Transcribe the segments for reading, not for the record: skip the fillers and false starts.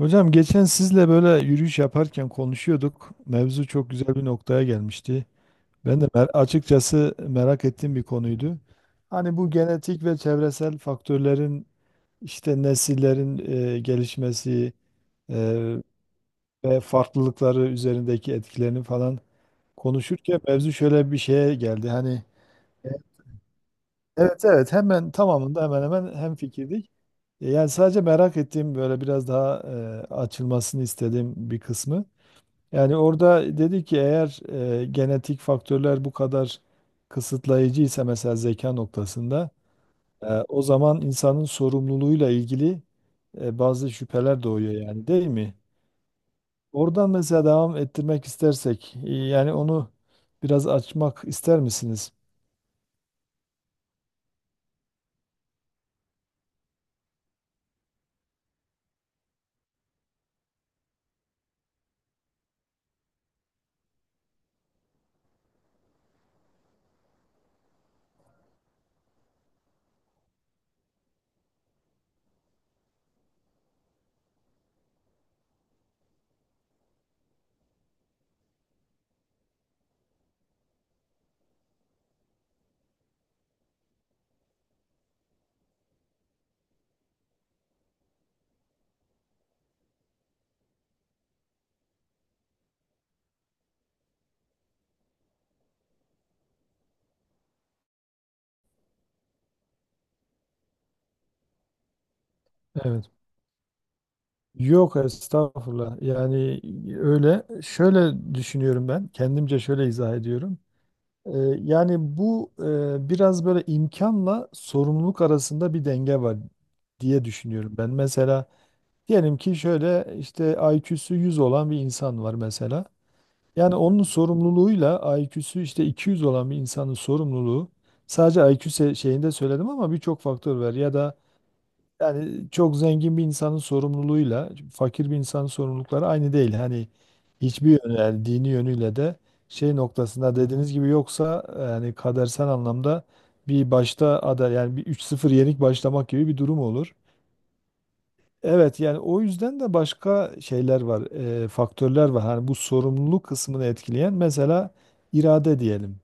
Hocam geçen sizle böyle yürüyüş yaparken konuşuyorduk. Mevzu çok güzel bir noktaya gelmişti. Ben de açıkçası merak ettiğim bir konuydu. Hani bu genetik ve çevresel faktörlerin işte nesillerin gelişmesi e, ve farklılıkları üzerindeki etkilerini falan konuşurken mevzu şöyle bir şeye geldi. Hani evet evet hemen tamamında hemen hemen hemfikirdik. Yani sadece merak ettiğim böyle biraz daha açılmasını istediğim bir kısmı. Yani orada dedi ki eğer genetik faktörler bu kadar kısıtlayıcı ise mesela zeka noktasında o zaman insanın sorumluluğuyla ilgili bazı şüpheler doğuyor yani, değil mi? Oradan mesela devam ettirmek istersek yani onu biraz açmak ister misiniz? Evet. Yok estağfurullah. Yani öyle şöyle düşünüyorum ben. Kendimce şöyle izah ediyorum. Ee, Yani bu biraz böyle imkanla sorumluluk arasında bir denge var diye düşünüyorum ben. Mesela diyelim ki şöyle işte IQ'su 100 olan bir insan var mesela. Yani onun sorumluluğuyla IQ'su işte iki 100 olan bir insanın sorumluluğu sadece şeyinde söyledim ama birçok faktör var. Ya da yani çok zengin bir insanın sorumluluğuyla fakir bir insanın sorumlulukları aynı değil. Hani hiçbir yönü, yani dini yönüyle de şey noktasında dediğiniz gibi, yoksa yani kadersel anlamda bir başta ada yani bir üç sıfır yenik başlamak gibi bir durum olur. Evet, yani o yüzden de başka şeyler var, faktörler var. Hani bu sorumluluk kısmını etkileyen mesela irade diyelim,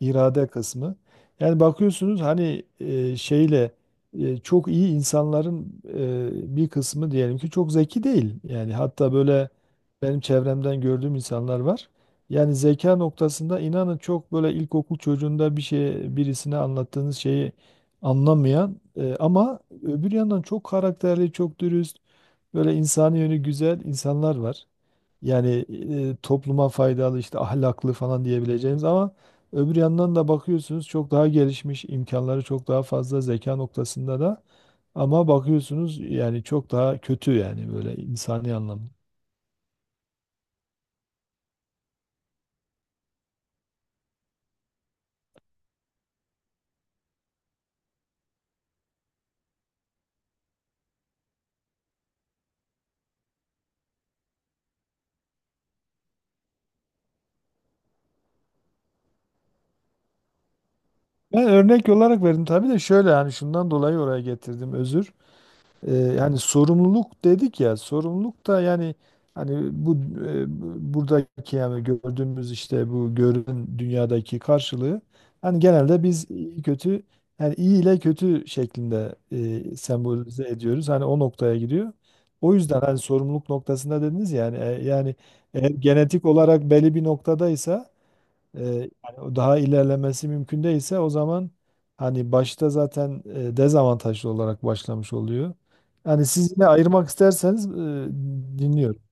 irade kısmı. Yani bakıyorsunuz hani çok iyi insanların bir kısmı diyelim ki çok zeki değil. Yani hatta böyle benim çevremden gördüğüm insanlar var. Yani zeka noktasında inanın çok böyle ilkokul çocuğunda bir şey, birisine anlattığınız şeyi anlamayan, ama öbür yandan çok karakterli, çok dürüst, böyle insani yönü güzel insanlar var. Yani topluma faydalı, işte ahlaklı falan diyebileceğimiz, ama öbür yandan da bakıyorsunuz çok daha gelişmiş, imkanları çok daha fazla, zeka noktasında da, ama bakıyorsunuz yani çok daha kötü, yani böyle insani anlamda. Ben örnek olarak verdim tabii de şöyle yani şundan dolayı oraya getirdim, özür. Yani sorumluluk dedik ya, sorumluluk da yani hani bu buradaki yani gördüğümüz işte bu görünen dünyadaki karşılığı, hani genelde biz iyi kötü, yani iyi ile kötü şeklinde sembolize ediyoruz. Hani o noktaya gidiyor. O yüzden hani sorumluluk noktasında dediniz yani yani eğer genetik olarak belli bir noktadaysa, e, yani o daha ilerlemesi mümkün değilse, o zaman hani başta zaten dezavantajlı olarak başlamış oluyor. Yani siz yine ayırmak isterseniz dinliyorum.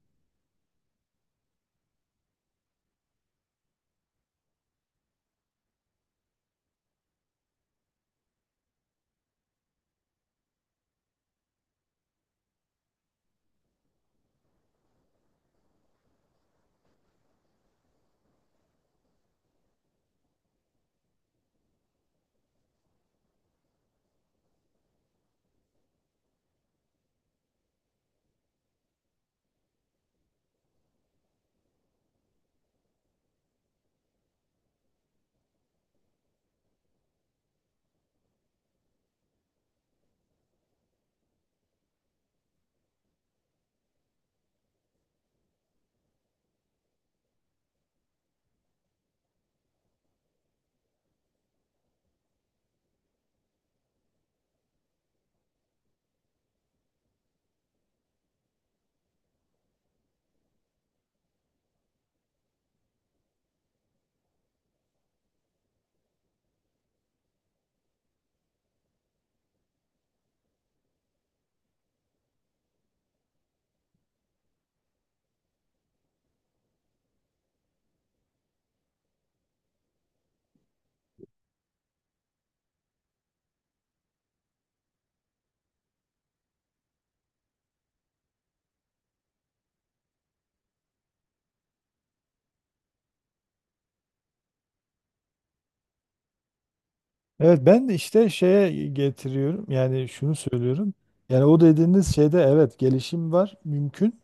Evet ben de işte şeye getiriyorum, yani şunu söylüyorum. Yani o dediğiniz şeyde evet, gelişim var, mümkün,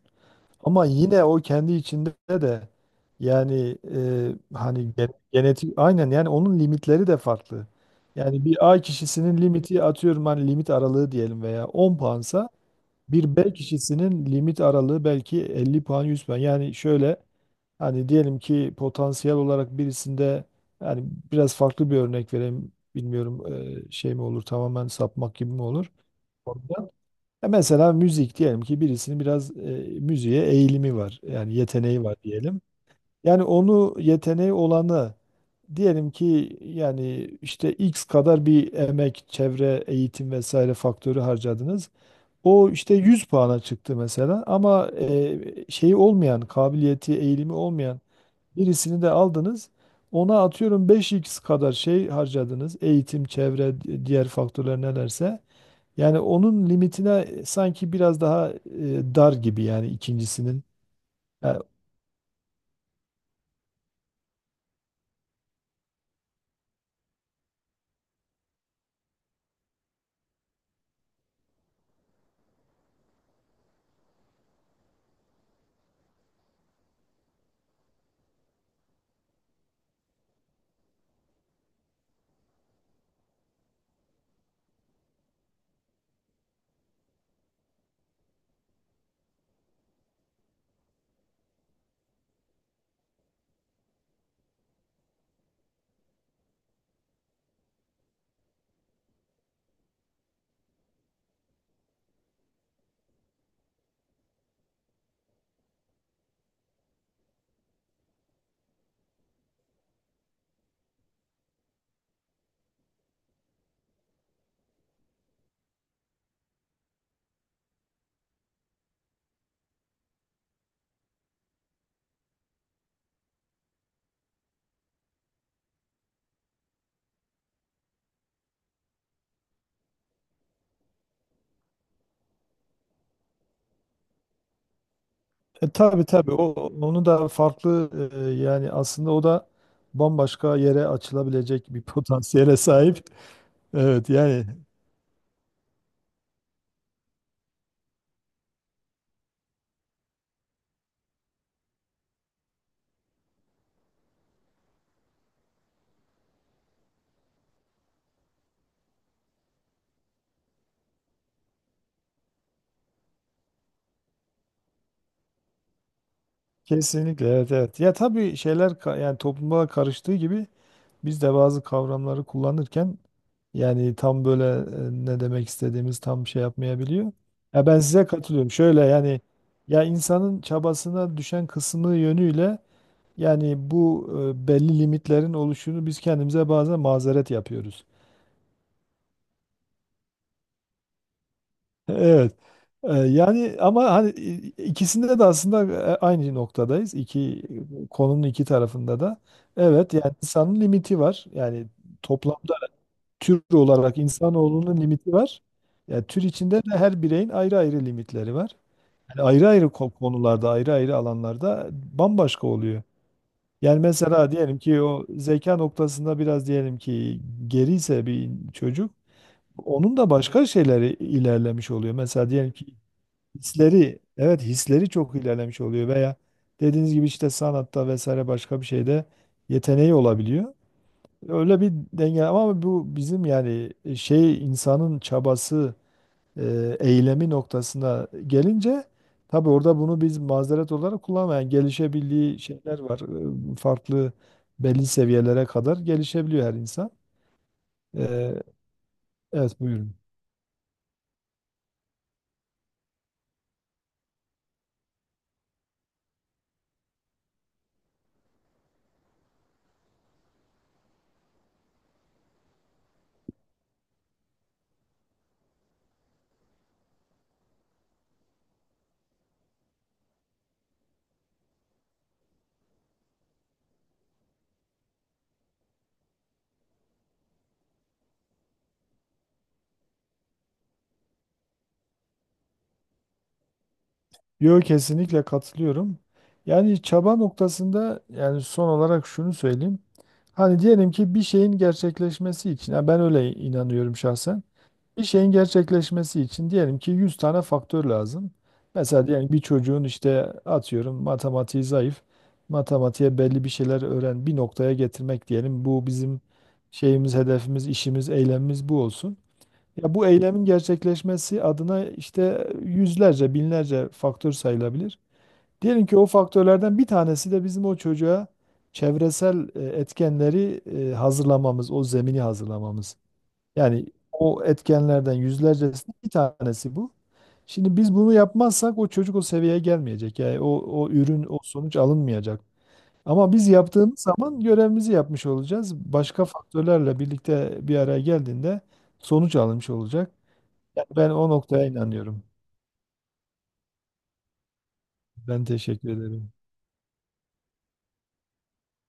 ama yine o kendi içinde de yani genetik aynen yani, onun limitleri de farklı. Yani bir A kişisinin limiti, atıyorum hani limit aralığı diyelim, veya 10 puansa bir bel kişisinin limit aralığı belki 50 puan, 100 puan. Yani şöyle hani diyelim ki potansiyel olarak birisinde yani biraz farklı bir örnek vereyim. Bilmiyorum şey mi olur, tamamen sapmak gibi mi olur oradan? Mesela müzik diyelim ki birisinin biraz müziğe eğilimi var. Yani yeteneği var diyelim. Yani onu, yeteneği olanı, diyelim ki yani işte X kadar bir emek, çevre, eğitim vesaire faktörü harcadınız. O işte 100 puana çıktı mesela, ama şeyi olmayan, kabiliyeti, eğilimi olmayan birisini de aldınız. Ona atıyorum beş x kadar şey harcadınız. Eğitim, çevre, diğer faktörler nelerse. Yani onun limitine sanki biraz daha dar gibi yani ikincisinin. Yani, tabii tabii, o onu da farklı, yani aslında o da bambaşka yere açılabilecek bir potansiyele sahip. Evet yani kesinlikle, evet evet. Ya tabii, şeyler yani topluma karıştığı gibi biz de bazı kavramları kullanırken yani tam böyle ne demek istediğimiz tam şey yapmayabiliyor. Ya ben size katılıyorum. Şöyle yani, ya insanın çabasına düşen kısmı yönüyle yani bu belli limitlerin oluşunu biz kendimize bazen mazeret yapıyoruz. Evet. Yani ama hani ikisinde de aslında aynı noktadayız. İki konunun iki tarafında da. Evet yani insanın limiti var. Yani toplamda tür olarak insanoğlunun limiti var. Yani tür içinde de her bireyin ayrı ayrı limitleri var. Yani ayrı ayrı konularda, ayrı ayrı alanlarda bambaşka oluyor. Yani mesela diyelim ki o zeka noktasında biraz diyelim ki geriyse bir çocuk, onun da başka şeyleri ilerlemiş oluyor. Mesela diyelim ki hisleri, evet, hisleri çok ilerlemiş oluyor, veya dediğiniz gibi işte sanatta vesaire başka bir şeyde yeteneği olabiliyor. Öyle bir denge, ama bu bizim yani şey insanın çabası, eylemi noktasına gelince tabii orada bunu biz mazeret olarak kullanmayan yani gelişebildiği şeyler var. Farklı belli seviyelere kadar gelişebiliyor her insan. E, evet buyurun. Yo, kesinlikle katılıyorum. Yani çaba noktasında yani son olarak şunu söyleyeyim. Hani diyelim ki bir şeyin gerçekleşmesi için, yani ben öyle inanıyorum şahsen. Bir şeyin gerçekleşmesi için diyelim ki 100 tane faktör lazım. Mesela diyelim bir çocuğun işte atıyorum matematiği zayıf. Matematiğe belli bir şeyler öğren, bir noktaya getirmek diyelim. Bu bizim şeyimiz, hedefimiz, işimiz, eylemimiz bu olsun. Ya bu eylemin gerçekleşmesi adına işte yüzlerce, binlerce faktör sayılabilir. Diyelim ki o faktörlerden bir tanesi de bizim o çocuğa çevresel etkenleri hazırlamamız, o zemini hazırlamamız. Yani o etkenlerden yüzlercesinin bir tanesi bu. Şimdi biz bunu yapmazsak o çocuk o seviyeye gelmeyecek. Yani o ürün, o sonuç alınmayacak. Ama biz yaptığımız zaman görevimizi yapmış olacağız. Başka faktörlerle birlikte bir araya geldiğinde sonuç alınmış olacak. Yani ben o noktaya inanıyorum. Ben teşekkür ederim.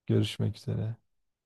Görüşmek üzere.